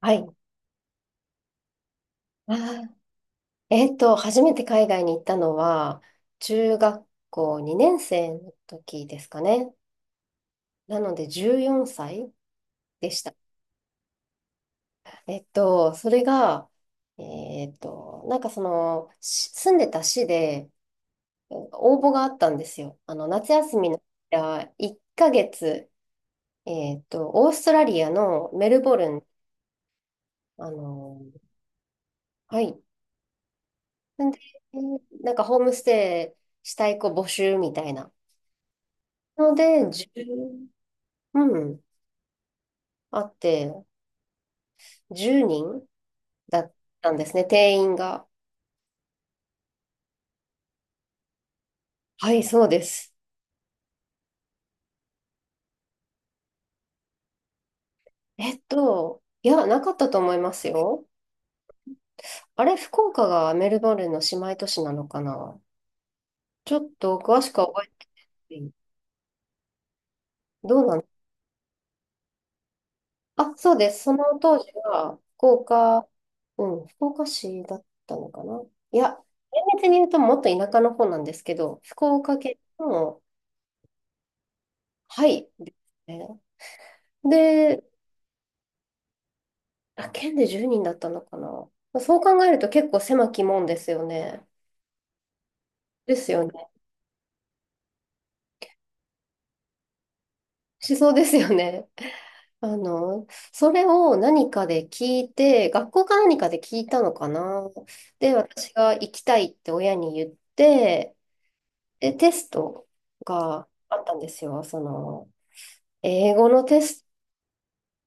はい。あー、初めて海外に行ったのは、中学校2年生の時ですかね。なので、14歳でした。それが、なんかその、住んでた市で応募があったんですよ。夏休みの1ヶ月、オーストラリアのメルボルン、あの、はい。んで、なんかホームステイしたい子募集みたいな。ので、1うん。あって、10人だったんですね、定員が。はい、そうです。いや、なかったと思いますよ。あれ、福岡がメルボルンの姉妹都市なのかな。ちょっと詳しくは覚えてない。どうなの？あ、そうです。その当時は、福岡、うん、福岡市だったのかな。いや、厳密に言うともっと田舎の方なんですけど、福岡県の、はい、ですね。で、あ、県で10人だったのかな。まあそう考えると結構狭き門ですよね。ですよね。しそうですよね。それを何かで聞いて、学校か何かで聞いたのかな。で、私が行きたいって親に言って、で、テストがあったんですよ。その、英語のテス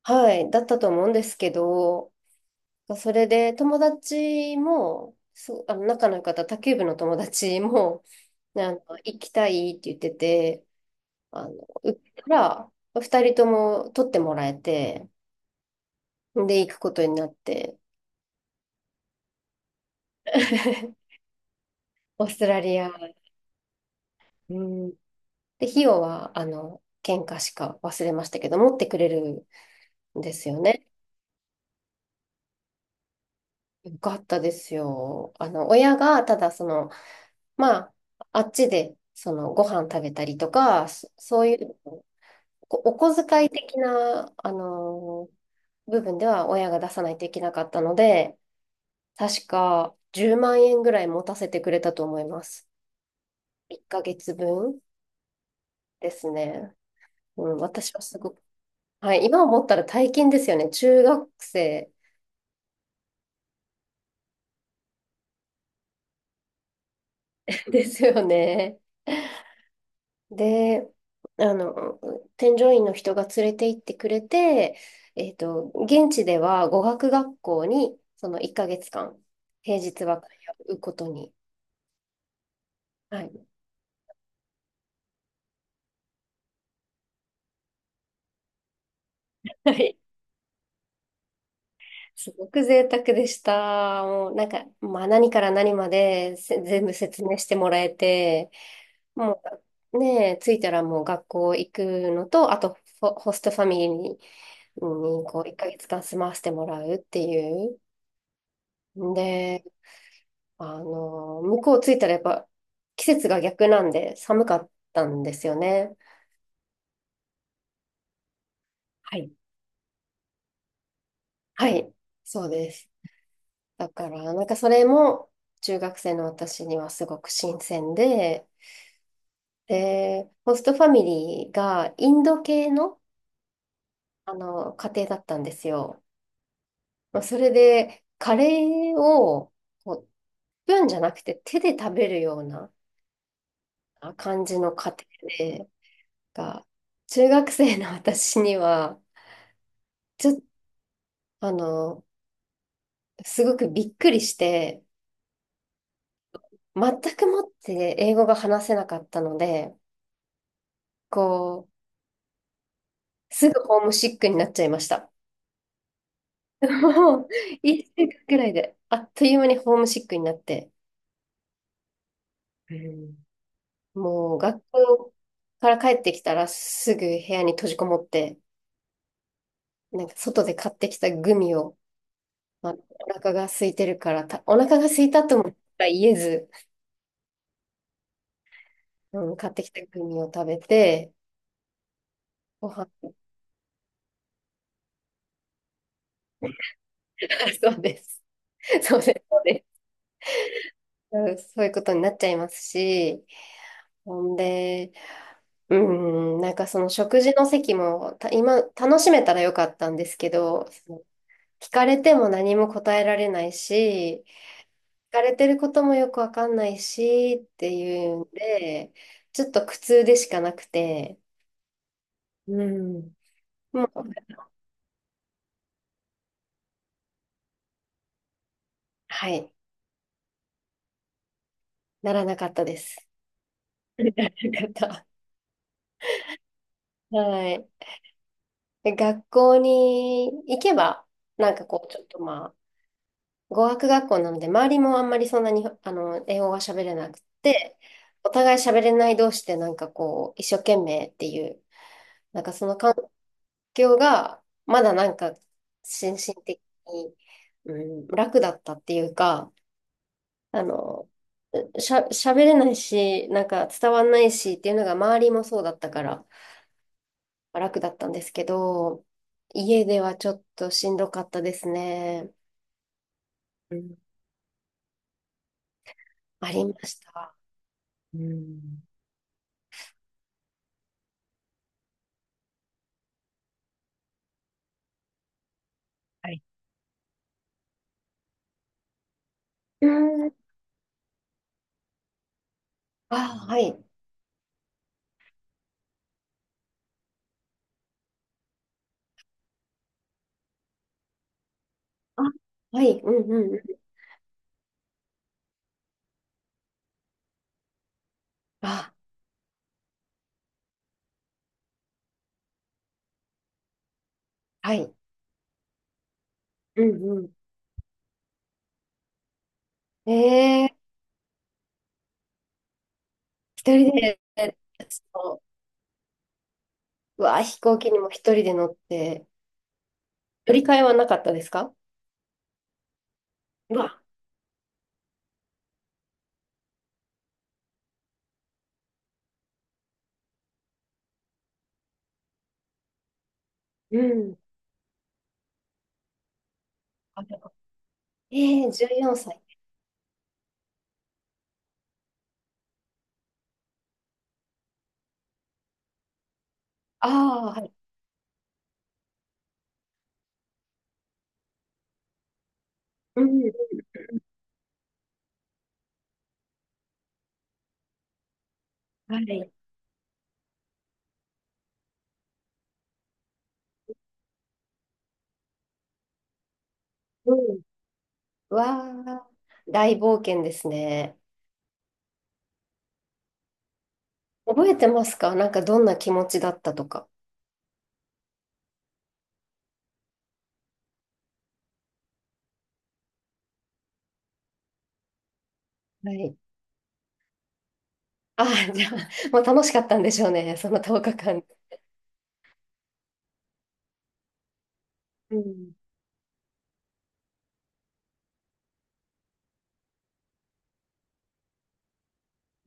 ト、はい、だったと思うんですけど、それで友達も、そう、あの仲の良かった卓球部の友達も、で、行きたいって言ってて、売ったら、二人とも取ってもらえて、で、行くことになって、オーストラリア、うん。で、費用は、喧嘩しか忘れましたけど、持ってくれるんですよね。よかったですよ。親が、ただ、まあ、あっちで、ご飯食べたりとか、そういう、お小遣い的な、部分では親が出さないといけなかったので、確か10万円ぐらい持たせてくれたと思います。1ヶ月分ですね。うん、私はすごく、はい、今思ったら大金ですよね。中学生 ですよね。で、あの、添乗員の人が連れて行ってくれて、現地では語学学校にその1ヶ月間、平日は通うことに、はい、すごく贅沢でした。もうなんか、まあ何から何まで全部説明してもらえて、もうねえ、着いたらもう学校行くのと、あとホストファミリーに、こう1ヶ月間住まわせてもらうっていう。で、向こう着いたらやっぱ季節が逆なんで寒かったんですよね。はい。はい。そうです。だから、なんかそれも中学生の私にはすごく新鮮で、で、ホストファミリーがインド系の、あの家庭だったんですよ。まあ、それで、カレーをこうスプーンじゃなくて手で食べるようなあ感じの家庭で、が、中学生の私には、ちょっと、あの、すごくびっくりして、全くもって英語が話せなかったので、こう、すぐホームシックになっちゃいました。もう、1週間くらいで、あっという間にホームシックになって、うん、もう学校から帰ってきたらすぐ部屋に閉じこもって、なんか外で買ってきたグミを、まあ、お腹が空いてるからお腹が空いたとも言えず、うん、買ってきたグミを食べて、ご飯、そうです。そうです。そうです。うん、そういうことになっちゃいますし、ほんで、うん、なんかその食事の席もた今楽しめたらよかったんですけど、その聞かれても何も答えられないし、疲れてることもよくわかんないしっていうんで、ちょっと苦痛でしかなくて、うん。もう、はい、ならなかったです。ならなかった。はい。で学校に行けば、なんかこう、ちょっとまあ、語学学校なので、周りもあんまりそんなに、英語が喋れなくて、お互い喋れない同士で、なんかこう、一生懸命っていう、なんかその感業が、まだなんか、心身的に、うん、楽だったっていうか、あの、喋れないし、なんか伝わんないしっていうのが周りもそうだったから楽だったんですけど、家ではちょっとしんどかったですね。うん。ありました。うん。はい。うん。あ、はい。あ、はい。うんうんうん。あ、はい。うんうん。ええ、一人で、うわ、飛行機にも一人で乗って、乗り換えはなかったですか？うわ、うん。あ、でも、ええ、14歳。ああ、はい。うん。はい。うん。うわあ、大冒険ですね。覚えてますか？なんかどんな気持ちだったとか。はい。ああ、じゃあ、もう楽しかったんでしょうね、その10日間。うん。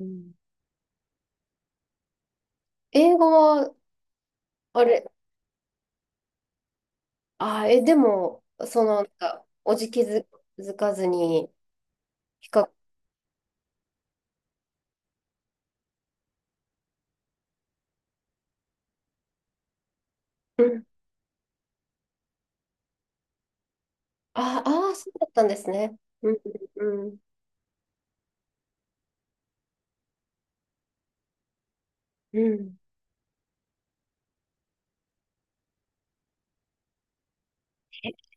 うん、英語は、あれ、ああ、え、でも、その、なんか、おじきづづかずに、比較、ああー、そうだったんですね。うん、うん、うん。え、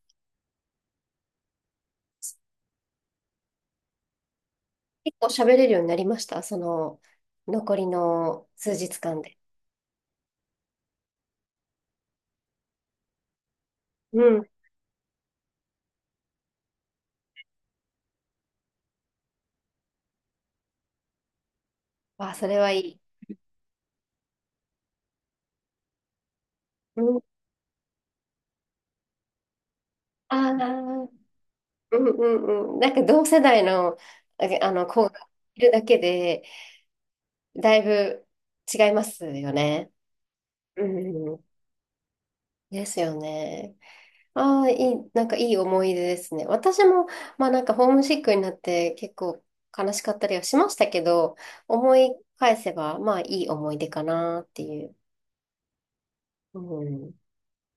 結構喋れるようになりました、その残りの数日間で。うん。あ、それはいい。うん。ああ、うんうんうん。なんか同世代の、あ、あの子がいるだけで、だいぶ違いますよね。うん。ですよね。ああ、いい、なんかいい思い出ですね。私も、まあなんかホームシックになって結構悲しかったりはしましたけど、思い返せば、まあいい思い出かなっていう。うん。